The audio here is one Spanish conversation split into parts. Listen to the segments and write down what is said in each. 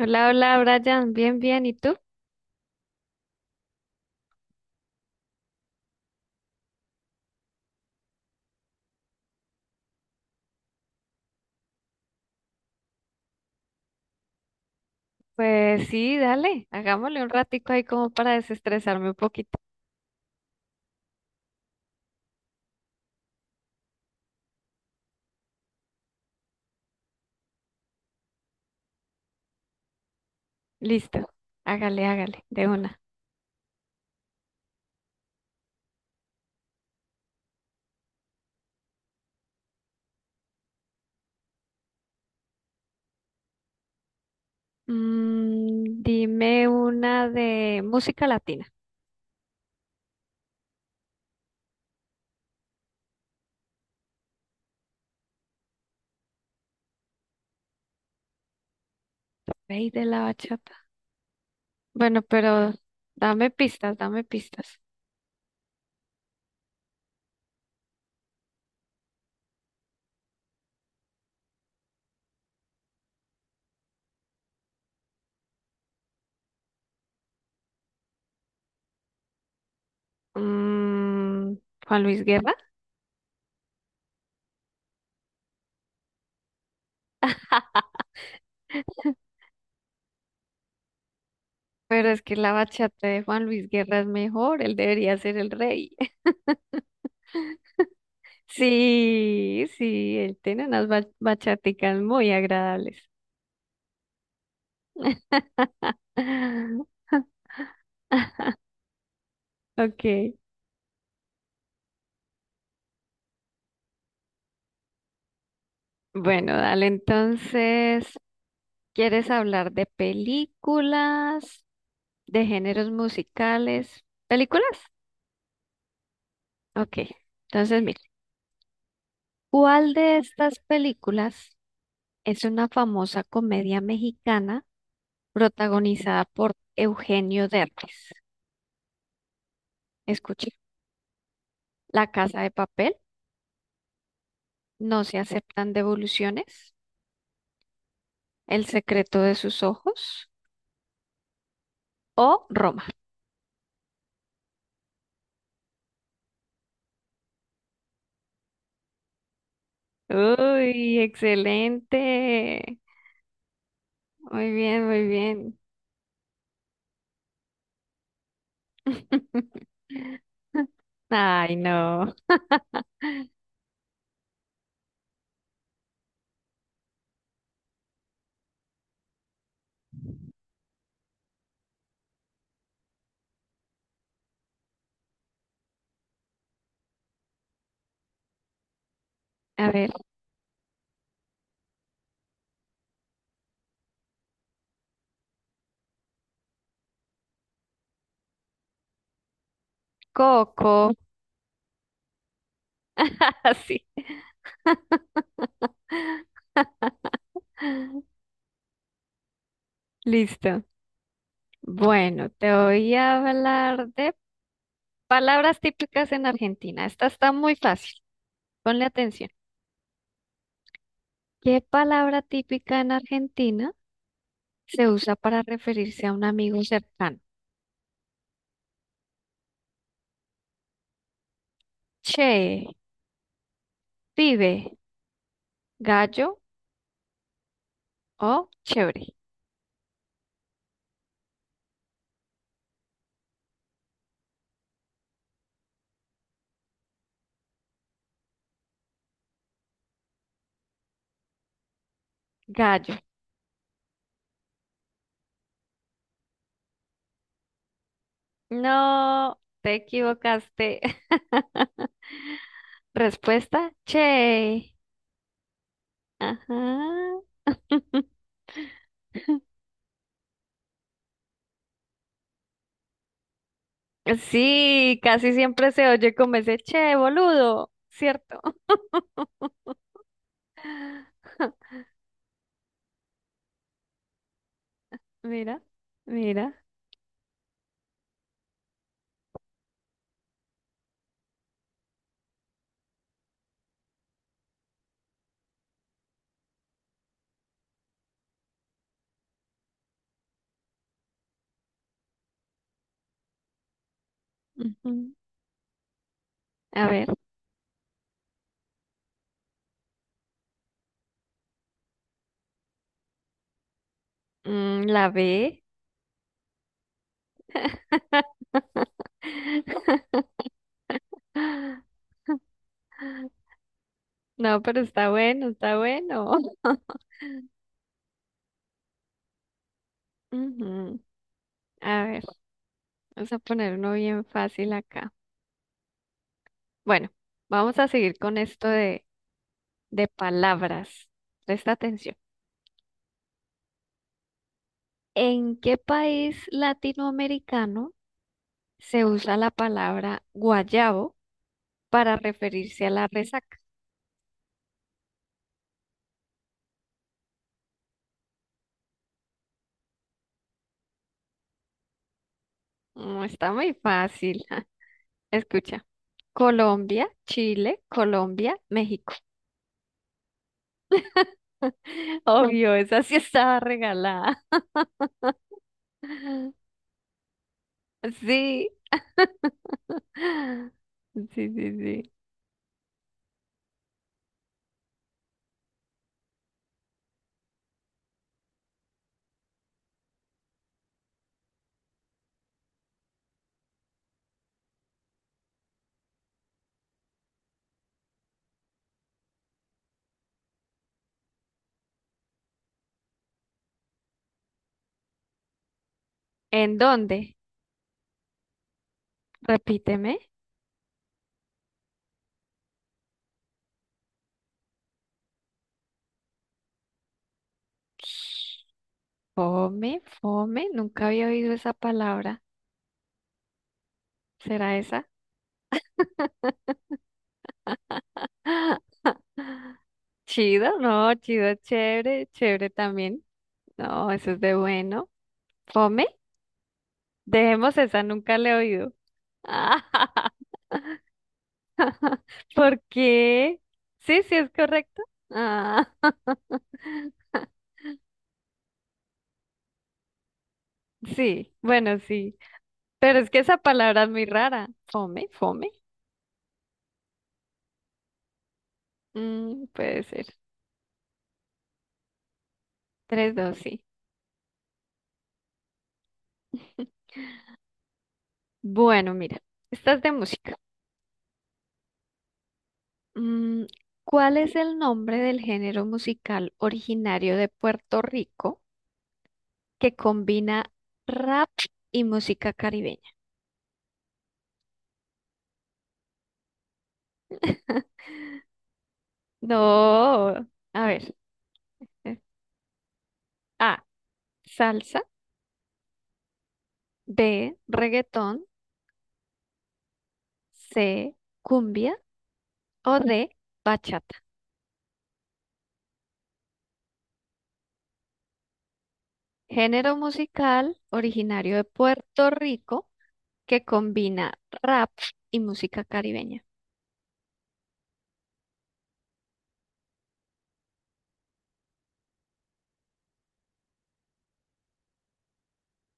Hola, hola, Brian. Bien, bien. ¿Y tú? Pues sí, dale. Hagámosle un ratico ahí como para desestresarme un poquito. Listo. Hágale, hágale, de una. Dime una de música latina. Rey de la bachata. Bueno, pero dame pistas. Mm, Juan Luis Guerra. Pero es que la bachata de Juan Luis Guerra es mejor. Él debería ser el rey. Sí, sí, él tiene unas bachaticas muy agradables. Ok, bueno, dale, entonces, ¿quieres hablar de películas, de géneros musicales? ¿Películas? Ok, entonces, mira, ¿cuál de estas películas es una famosa comedia mexicana protagonizada por Eugenio Derbez? Escucha, La Casa de Papel, No se aceptan devoluciones, El secreto de sus ojos o Roma. Uy, excelente. Muy bien, muy bien. Ay, no. A ver, Coco. Sí. Listo. Bueno, te voy a hablar de palabras típicas en Argentina. Esta está muy fácil. Ponle atención. ¿Qué palabra típica en Argentina se usa para referirse a un amigo cercano? Che, pibe, Gallo o chévere. Gallo. No, te equivocaste. Respuesta, che. Ajá. Sí, casi siempre se oye como ese che, boludo, ¿cierto? Mira, mira. Ujú. A ver, la B. No, pero está bueno, está bueno. Ujú. A ver, vamos a poner uno bien fácil acá. Bueno, vamos a seguir con esto de palabras. Presta atención. ¿En qué país latinoamericano se usa la palabra guayabo para referirse a la resaca? Mm, está muy fácil. Escucha. Colombia, Chile, Colombia, México. Obvio, esa sí estaba regalada. Sí. Sí, sí, sí. ¿En dónde? Repíteme. Fome, fome. Nunca había oído esa palabra. ¿Será esa? Chido, no, chido, chévere, chévere también. No, eso es de bueno. Fome, dejemos esa, nunca le he oído. ¿Por qué? Sí, sí, es correcto. Ah, sí, bueno, sí. Pero es que esa palabra es muy rara. Fome, fome. Mm, puede ser. Tres, dos, sí. Bueno, mira, estas de música. Mm, ¿Cuál es el nombre del género musical originario de Puerto Rico que combina rap y música caribeña? No, a ver. eh, A, salsa, B, reggaetón, C, cumbia o D, bachata. Género musical originario de Puerto Rico que combina rap y música caribeña.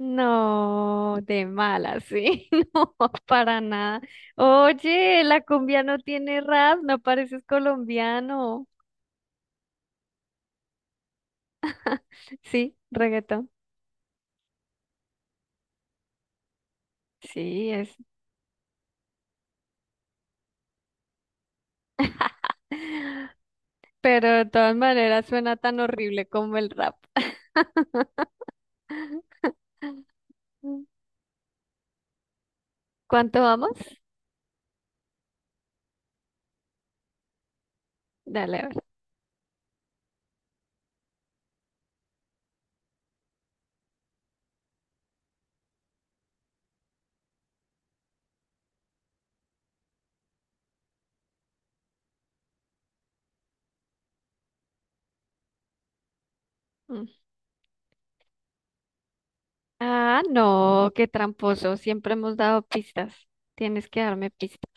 No, de mala, sí, no, para nada. Oye, la cumbia no tiene rap, no pareces colombiano. Sí, reggaetón. Sí, es, pero de todas maneras suena tan horrible como el rap. ¿Cuánto vamos? Dale, a ver. Mm. Ah, no, qué tramposo, siempre hemos dado pistas. Tienes que darme pistas.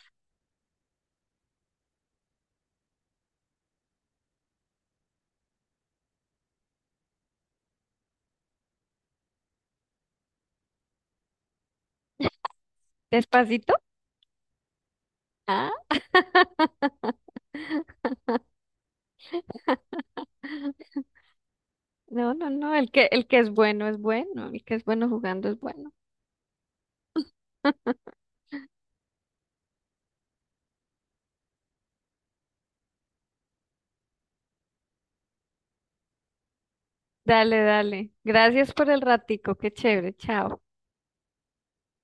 ¿Despacito? Ah. No, no, no, el que es bueno, el que es bueno jugando es bueno. Dale, dale. Gracias por el ratico, qué chévere, chao.